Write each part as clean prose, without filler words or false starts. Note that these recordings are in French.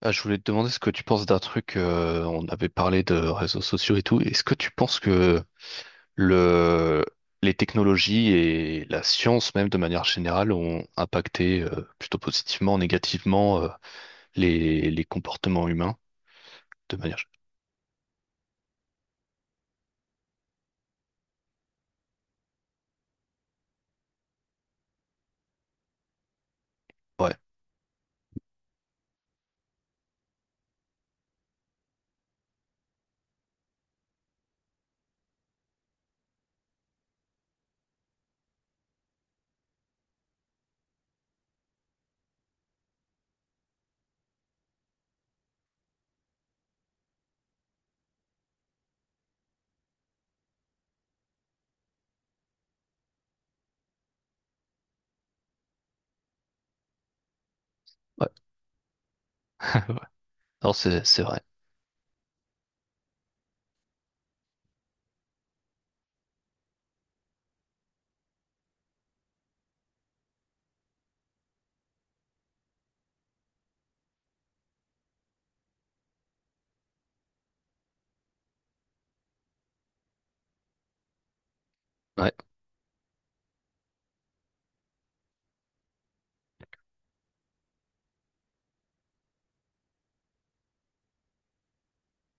Ah, je voulais te demander ce que tu penses d'un truc, on avait parlé de réseaux sociaux et tout. Est-ce que tu penses que le, les technologies et la science même de manière générale ont impacté plutôt positivement, négativement, les comportements humains de manière... Ouais, ouais. Ouais. Non, c'est vrai. Ouais,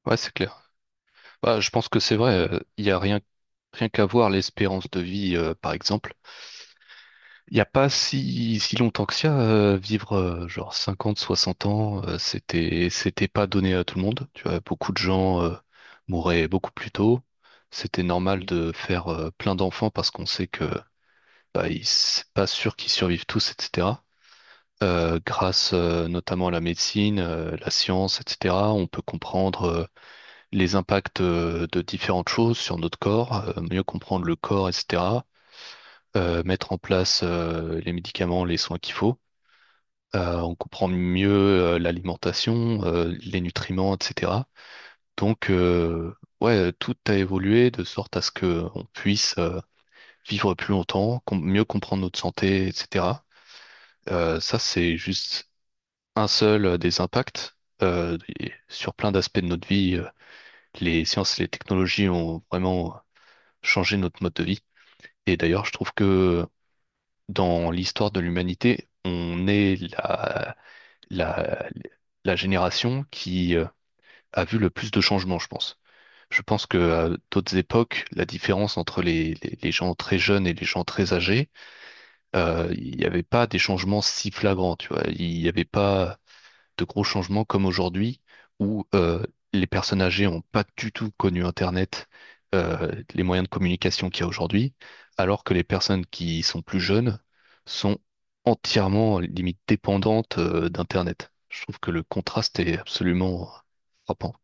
ouais, c'est clair. Bah, je pense que c'est vrai. Il y a rien qu'à voir l'espérance de vie, par exemple. Il n'y a pas si longtemps que ça. Euh, vivre, genre, 50, 60 ans, c'était pas donné à tout le monde. Tu vois, beaucoup de gens mouraient beaucoup plus tôt. C'était normal, mhm, de faire plein d'enfants parce qu'on sait que bah, c'est pas sûr qu'ils survivent tous, etc. Grâce notamment à la médecine, la science, etc., on peut comprendre les impacts de différentes choses sur notre corps, mieux comprendre le corps, etc., mettre en place les médicaments, les soins qu'il faut. On comprend mieux l'alimentation, les nutriments, etc. Donc, ouais, tout a évolué de sorte à ce que on puisse vivre plus longtemps, mieux comprendre notre santé, etc. Ça, c'est juste un seul des impacts. Et sur plein d'aspects de notre vie, les sciences et les technologies ont vraiment changé notre mode de vie. Et d'ailleurs, je trouve que dans l'histoire de l'humanité, on est la, la génération qui a vu le plus de changements, je pense. Je pense que à d'autres époques, la différence entre les gens très jeunes et les gens très âgés, il n'y avait pas des changements si flagrants, tu vois. Il n'y avait pas de gros changements comme aujourd'hui, où les personnes âgées n'ont pas du tout connu Internet, les moyens de communication qu'il y a aujourd'hui, alors que les personnes qui sont plus jeunes sont entièrement, limite, dépendantes d'Internet. Je trouve que le contraste est absolument frappant.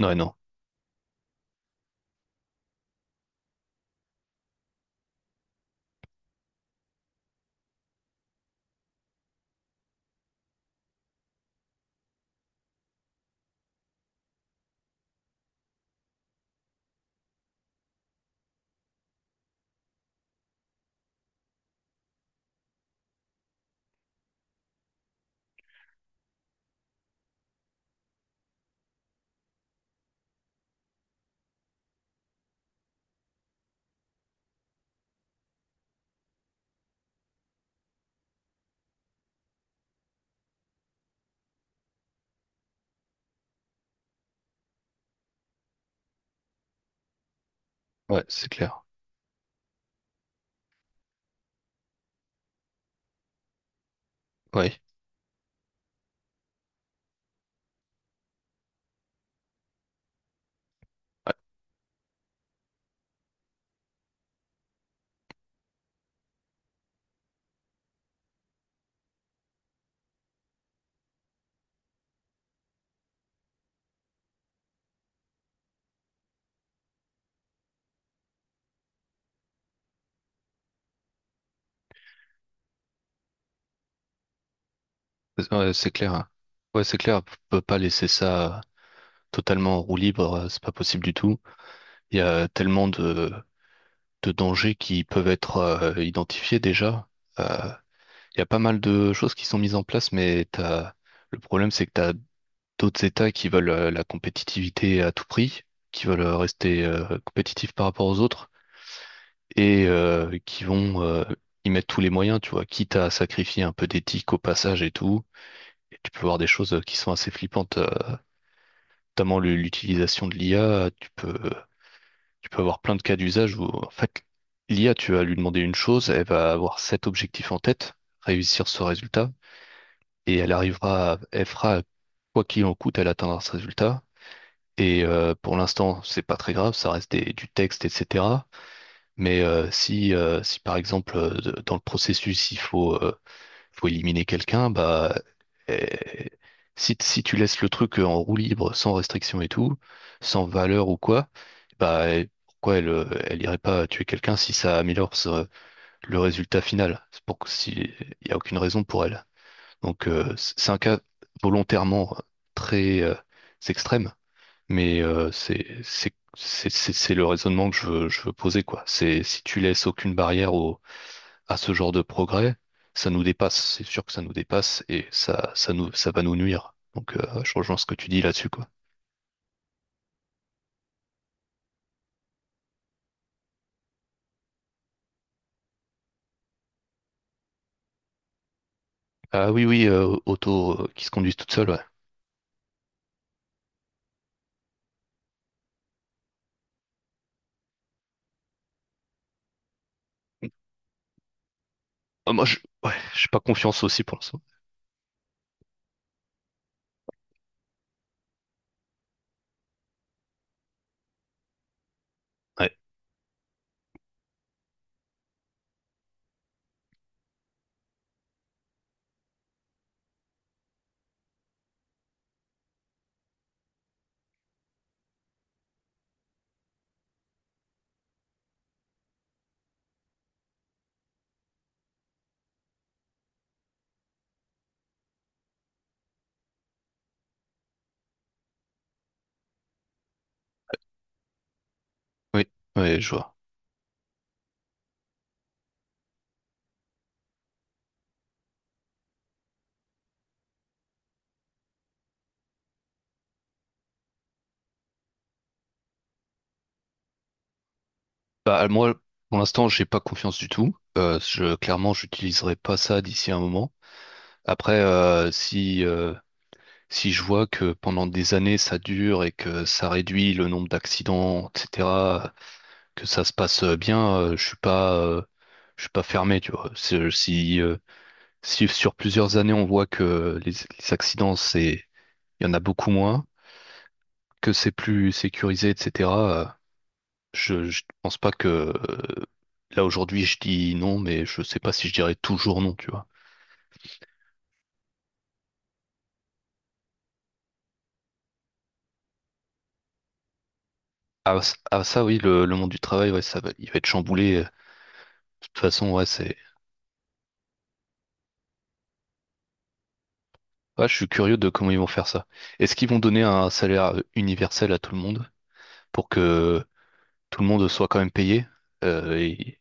Ouais, non. Ouais, c'est clair. Ouais, ouais, ouais, c'est clair, hein. Ouais, c'est clair. On peut pas laisser ça totalement en roue libre. C'est pas possible du tout. Il y a tellement de dangers qui peuvent être identifiés déjà. Euh, il y a pas mal de choses qui sont mises en place, mais le problème, c'est que t'as d'autres États qui veulent la compétitivité à tout prix, qui veulent rester compétitifs par rapport aux autres et qui vont y mettre tous les moyens, tu vois, quitte à sacrifier un peu d'éthique au passage et tout. Et tu peux voir des choses qui sont assez flippantes, notamment l'utilisation de l'IA. Tu peux avoir plein de cas d'usage où, en fait, l'IA, tu vas lui demander une chose, elle va avoir cet objectif en tête, réussir ce résultat, et elle fera, quoi qu'il en coûte, elle atteindra ce résultat. Et pour l'instant, c'est pas très grave, ça reste du texte, etc. Mais si par exemple, dans le processus, faut éliminer quelqu'un, bah, euh, si, si tu laisses le truc en roue libre, sans restriction et tout, sans valeur ou quoi, bah, pourquoi elle irait pas tuer quelqu'un si ça améliore le résultat final? C'est pour que si, il y a aucune raison pour elle. Donc, c'est un cas volontairement très extrême, mais c'est le raisonnement que je veux poser, quoi. C'est si tu laisses aucune barrière au à ce genre de progrès, ça nous dépasse. C'est sûr que ça nous dépasse et ça va nous nuire. Donc, je rejoins ce que tu dis là-dessus, quoi. Ah oui, oui, auto qui se conduisent toutes seules, ouais. Ah, ouais, j'ai pas confiance aussi pour l'instant. Ouais, oui, ouais, je vois. Bah, moi, pour l'instant, j'ai pas confiance du tout. Je, clairement, j'utiliserai pas ça d'ici un moment. Après, si, si je vois que pendant des années ça dure et que ça réduit le nombre d'accidents, etc., que ça se passe bien, je suis pas fermé, tu vois. Si, si sur plusieurs années on voit que les accidents, c'est, il y en a beaucoup moins, que c'est plus sécurisé, etc. euh, je pense pas que là aujourd'hui je dis non, mais je sais pas si je dirais toujours non, tu vois. Ah, ça oui, le monde du travail, ouais, ça va, il va être chamboulé. De toute façon, ouais, c'est, ouais, je suis curieux de comment ils vont faire ça. Est-ce qu'ils vont donner un salaire universel à tout le monde pour que tout le monde soit quand même payé. Euh, et,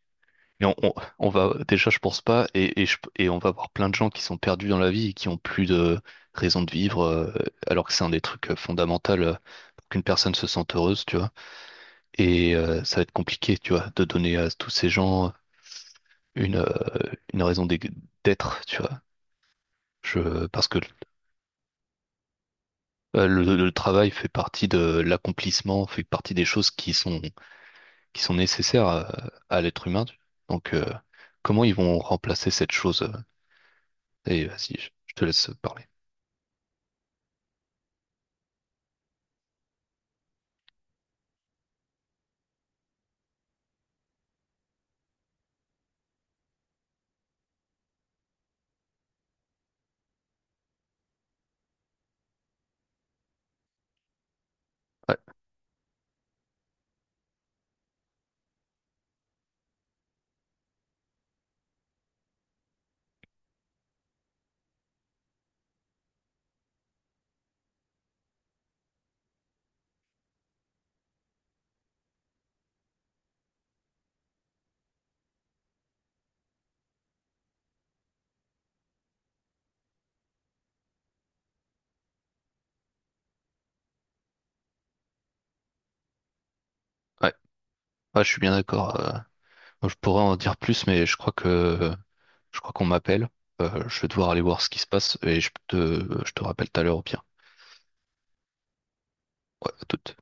et on va déjà, je pense pas, et on va avoir plein de gens qui sont perdus dans la vie et qui ont plus de raison de vivre, alors que c'est un des trucs fondamentaux pour qu'une personne se sente heureuse, tu vois. Et ça va être compliqué, tu vois, de donner à tous ces gens une, euh, une raison d'être, tu vois. Je, parce que le travail fait partie de l'accomplissement, fait partie des choses qui sont nécessaires à l'être humain. Donc, comment ils vont remplacer cette chose? Et vas-y, je te laisse parler. Ouais, ouais, ouais, je suis bien d'accord. Moi, je pourrais en dire plus, mais je crois qu'on m'appelle. Je vais devoir aller voir ce qui se passe et je te rappelle tout à l'heure au pire. Ouais, à toute.